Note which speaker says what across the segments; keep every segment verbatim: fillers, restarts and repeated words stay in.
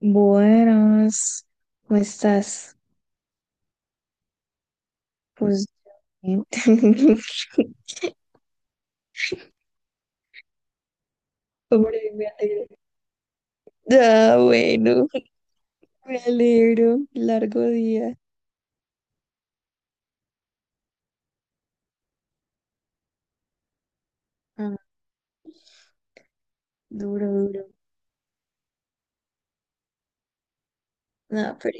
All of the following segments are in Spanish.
Speaker 1: Buenas, ¿cómo estás? Pues bien. Sobreviviente. Ah, bueno, me alegro. Largo día. Ah, duro, duro. No, pero.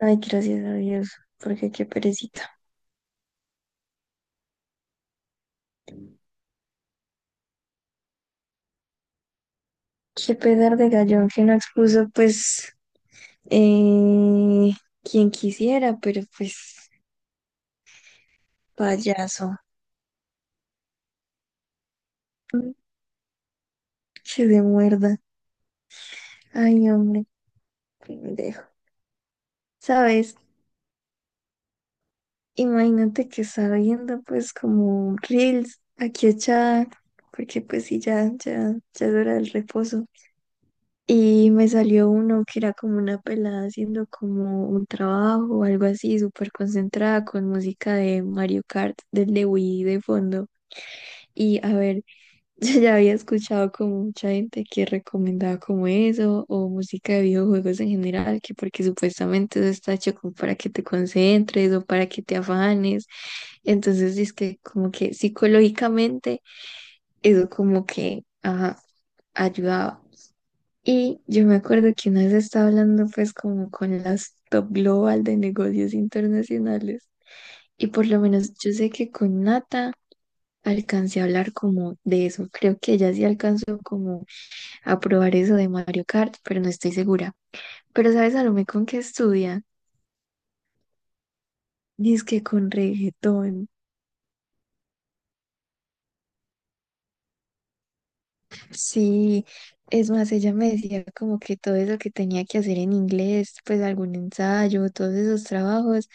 Speaker 1: Ay, gracias a Dios, porque qué perecita. Qué pedar de gallón que no expuso, pues, eh, quien quisiera, pero pues, payaso. Mm. Que de muerda. Ay, hombre, qué pendejo. ¿Sabes? Imagínate que estaba viendo pues como reels aquí echada, porque pues sí, ya, ya, ya es hora del reposo. Y me salió uno que era como una pelada haciendo como un trabajo o algo así, súper concentrada con música de Mario Kart, del de Wii de fondo. Y a ver, yo ya había escuchado como mucha gente que recomendaba como eso, o música de videojuegos en general, que porque supuestamente eso está hecho como para que te concentres o para que te afanes. Entonces, es que como que psicológicamente eso como que ajá, ayudaba. Y yo me acuerdo que una vez estaba hablando pues como con las top global de negocios internacionales. Y por lo menos yo sé que con Nata alcancé a hablar como de eso. Creo que ella sí alcanzó como a probar eso de Mario Kart, pero no estoy segura. Pero ¿sabes Salomé con qué estudia? Dice que con reggaetón. Sí, es más, ella me decía como que todo eso que tenía que hacer en inglés, pues algún ensayo, todos esos trabajos,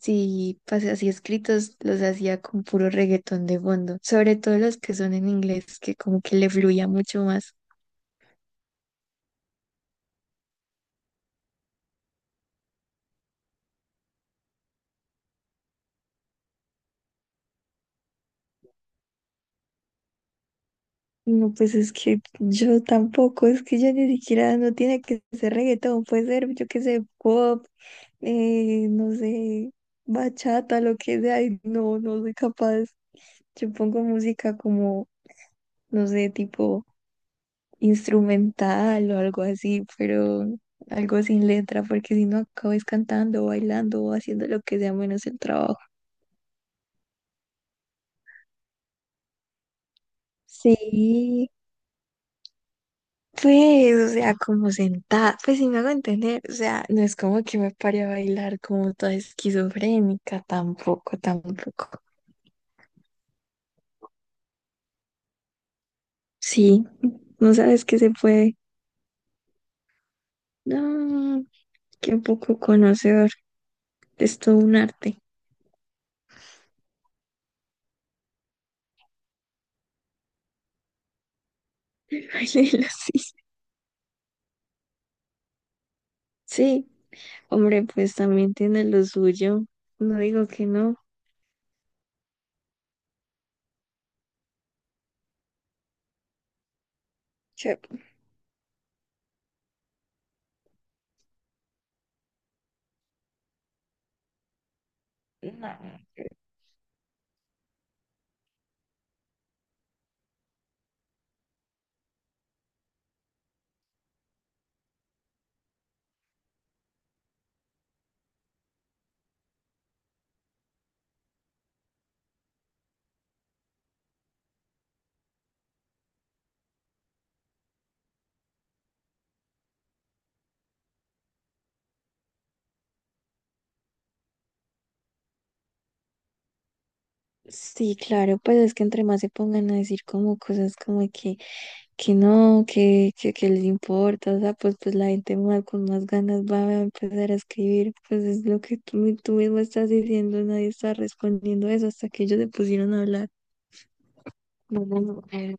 Speaker 1: sí, pues así escritos, los hacía con puro reggaetón de fondo, sobre todo los que son en inglés, que como que le fluía mucho más. No, pues es que yo tampoco, es que ya ni siquiera no tiene que ser reggaetón, puede ser, yo qué sé, pop, eh, no sé, bachata, lo que sea, y no, no soy capaz. Yo pongo música como, no sé, tipo instrumental o algo así, pero algo sin letra, porque si no acabas cantando, bailando o haciendo lo que sea menos el trabajo. Sí. Pues, o sea, como sentada, pues si me hago entender, o sea, no es como que me pare a bailar como toda esquizofrénica, tampoco, tampoco. Sí, no sabes que se puede. No, qué poco conocedor, es todo un arte. Bailar así. Sí, hombre, pues también tiene lo suyo, no digo que no. Che, no. Sí, claro, pues es que entre más se pongan a decir como cosas como que que no, que, que, que les importa, o sea, pues, pues la gente más con más ganas va a empezar a escribir, pues es lo que tú, mi- tú mismo estás diciendo, nadie está respondiendo eso hasta que ellos se pusieron a hablar. No, no, no, eh,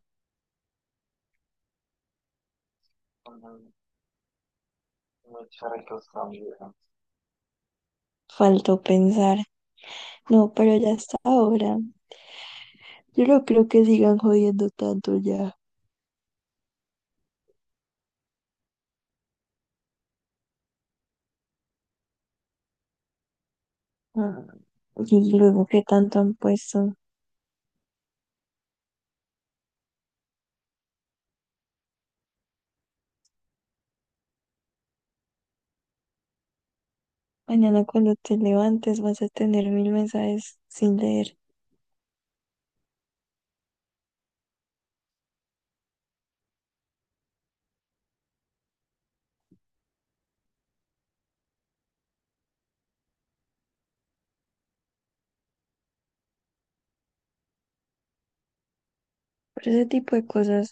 Speaker 1: Faltó pensar. No, pero ya está ahora. Yo no creo que sigan jodiendo tanto ya. Ah, y luego que tanto han puesto. Mañana cuando te levantes vas a tener mil mensajes sin leer. Por ese tipo de cosas.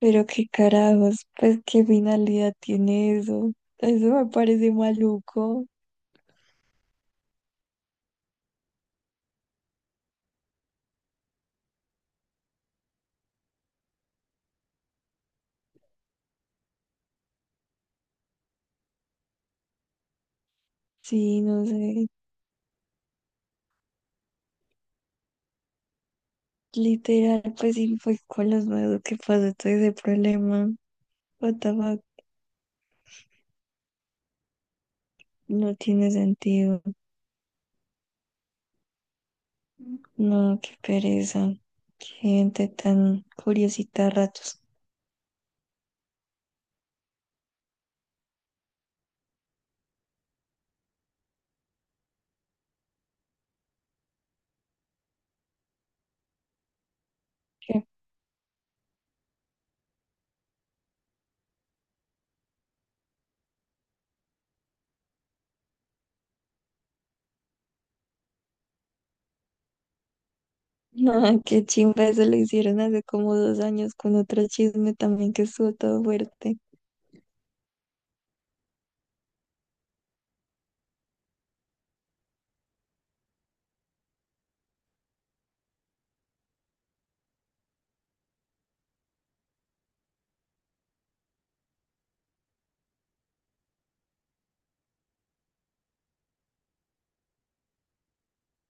Speaker 1: Pero qué carajos, pues qué finalidad tiene eso. Eso me parece maluco. Sí, no sé. Literal, pues sí fue con los nuevos que pasó todo ese problema. What the fuck, no tiene sentido. No, qué pereza. Qué gente tan curiosita a ratos. Qué- No, qué chimba eso lo hicieron hace como dos años con otro chisme también que estuvo todo fuerte.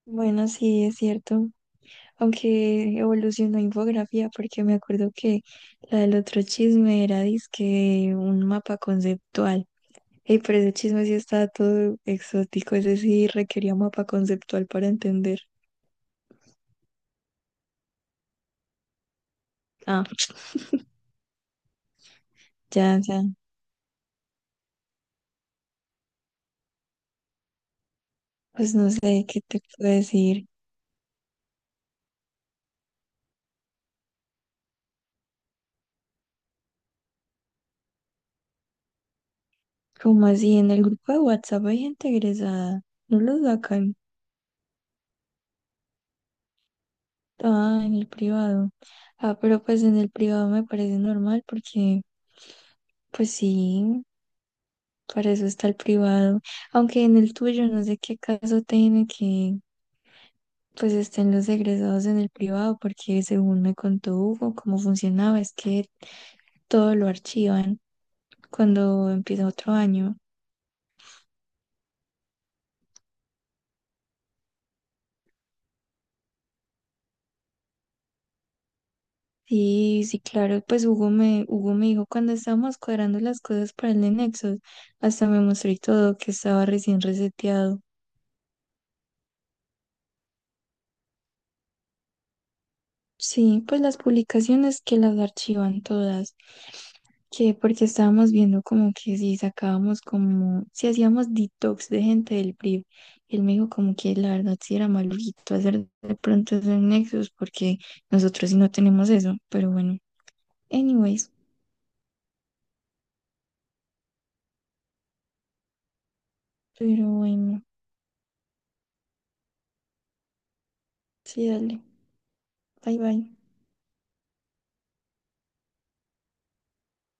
Speaker 1: Bueno, sí, es cierto. Aunque evolucionó a infografía, porque me acuerdo que la del otro chisme era dizque un mapa conceptual. Y pero ese chisme sí estaba todo exótico, ese sí requería mapa conceptual para entender. Ah, ya, ya. Pues no sé qué te puedo decir. Como así, en el grupo de WhatsApp hay gente egresada. No lo sacan. Ah, en el privado. Ah, pero pues en el privado me parece normal porque, pues sí, para eso está el privado. Aunque en el tuyo no sé qué caso tiene que pues estén los egresados en el privado, porque según me contó Hugo, cómo funcionaba, es que todo lo archivan cuando empieza otro año. Y sí, claro, pues Hugo me, Hugo me dijo cuando estábamos cuadrando las cosas para el de Nexus, hasta me mostró y todo que estaba recién reseteado. Sí, pues las publicaciones que las archivan todas, que porque estábamos viendo como que si sacábamos como, si hacíamos detox de gente del PRIV, y él me dijo como que la verdad sí era maluquito hacer de pronto esos nexos porque nosotros sí no tenemos eso, pero bueno, anyways, pero bueno, sí, dale, bye bye.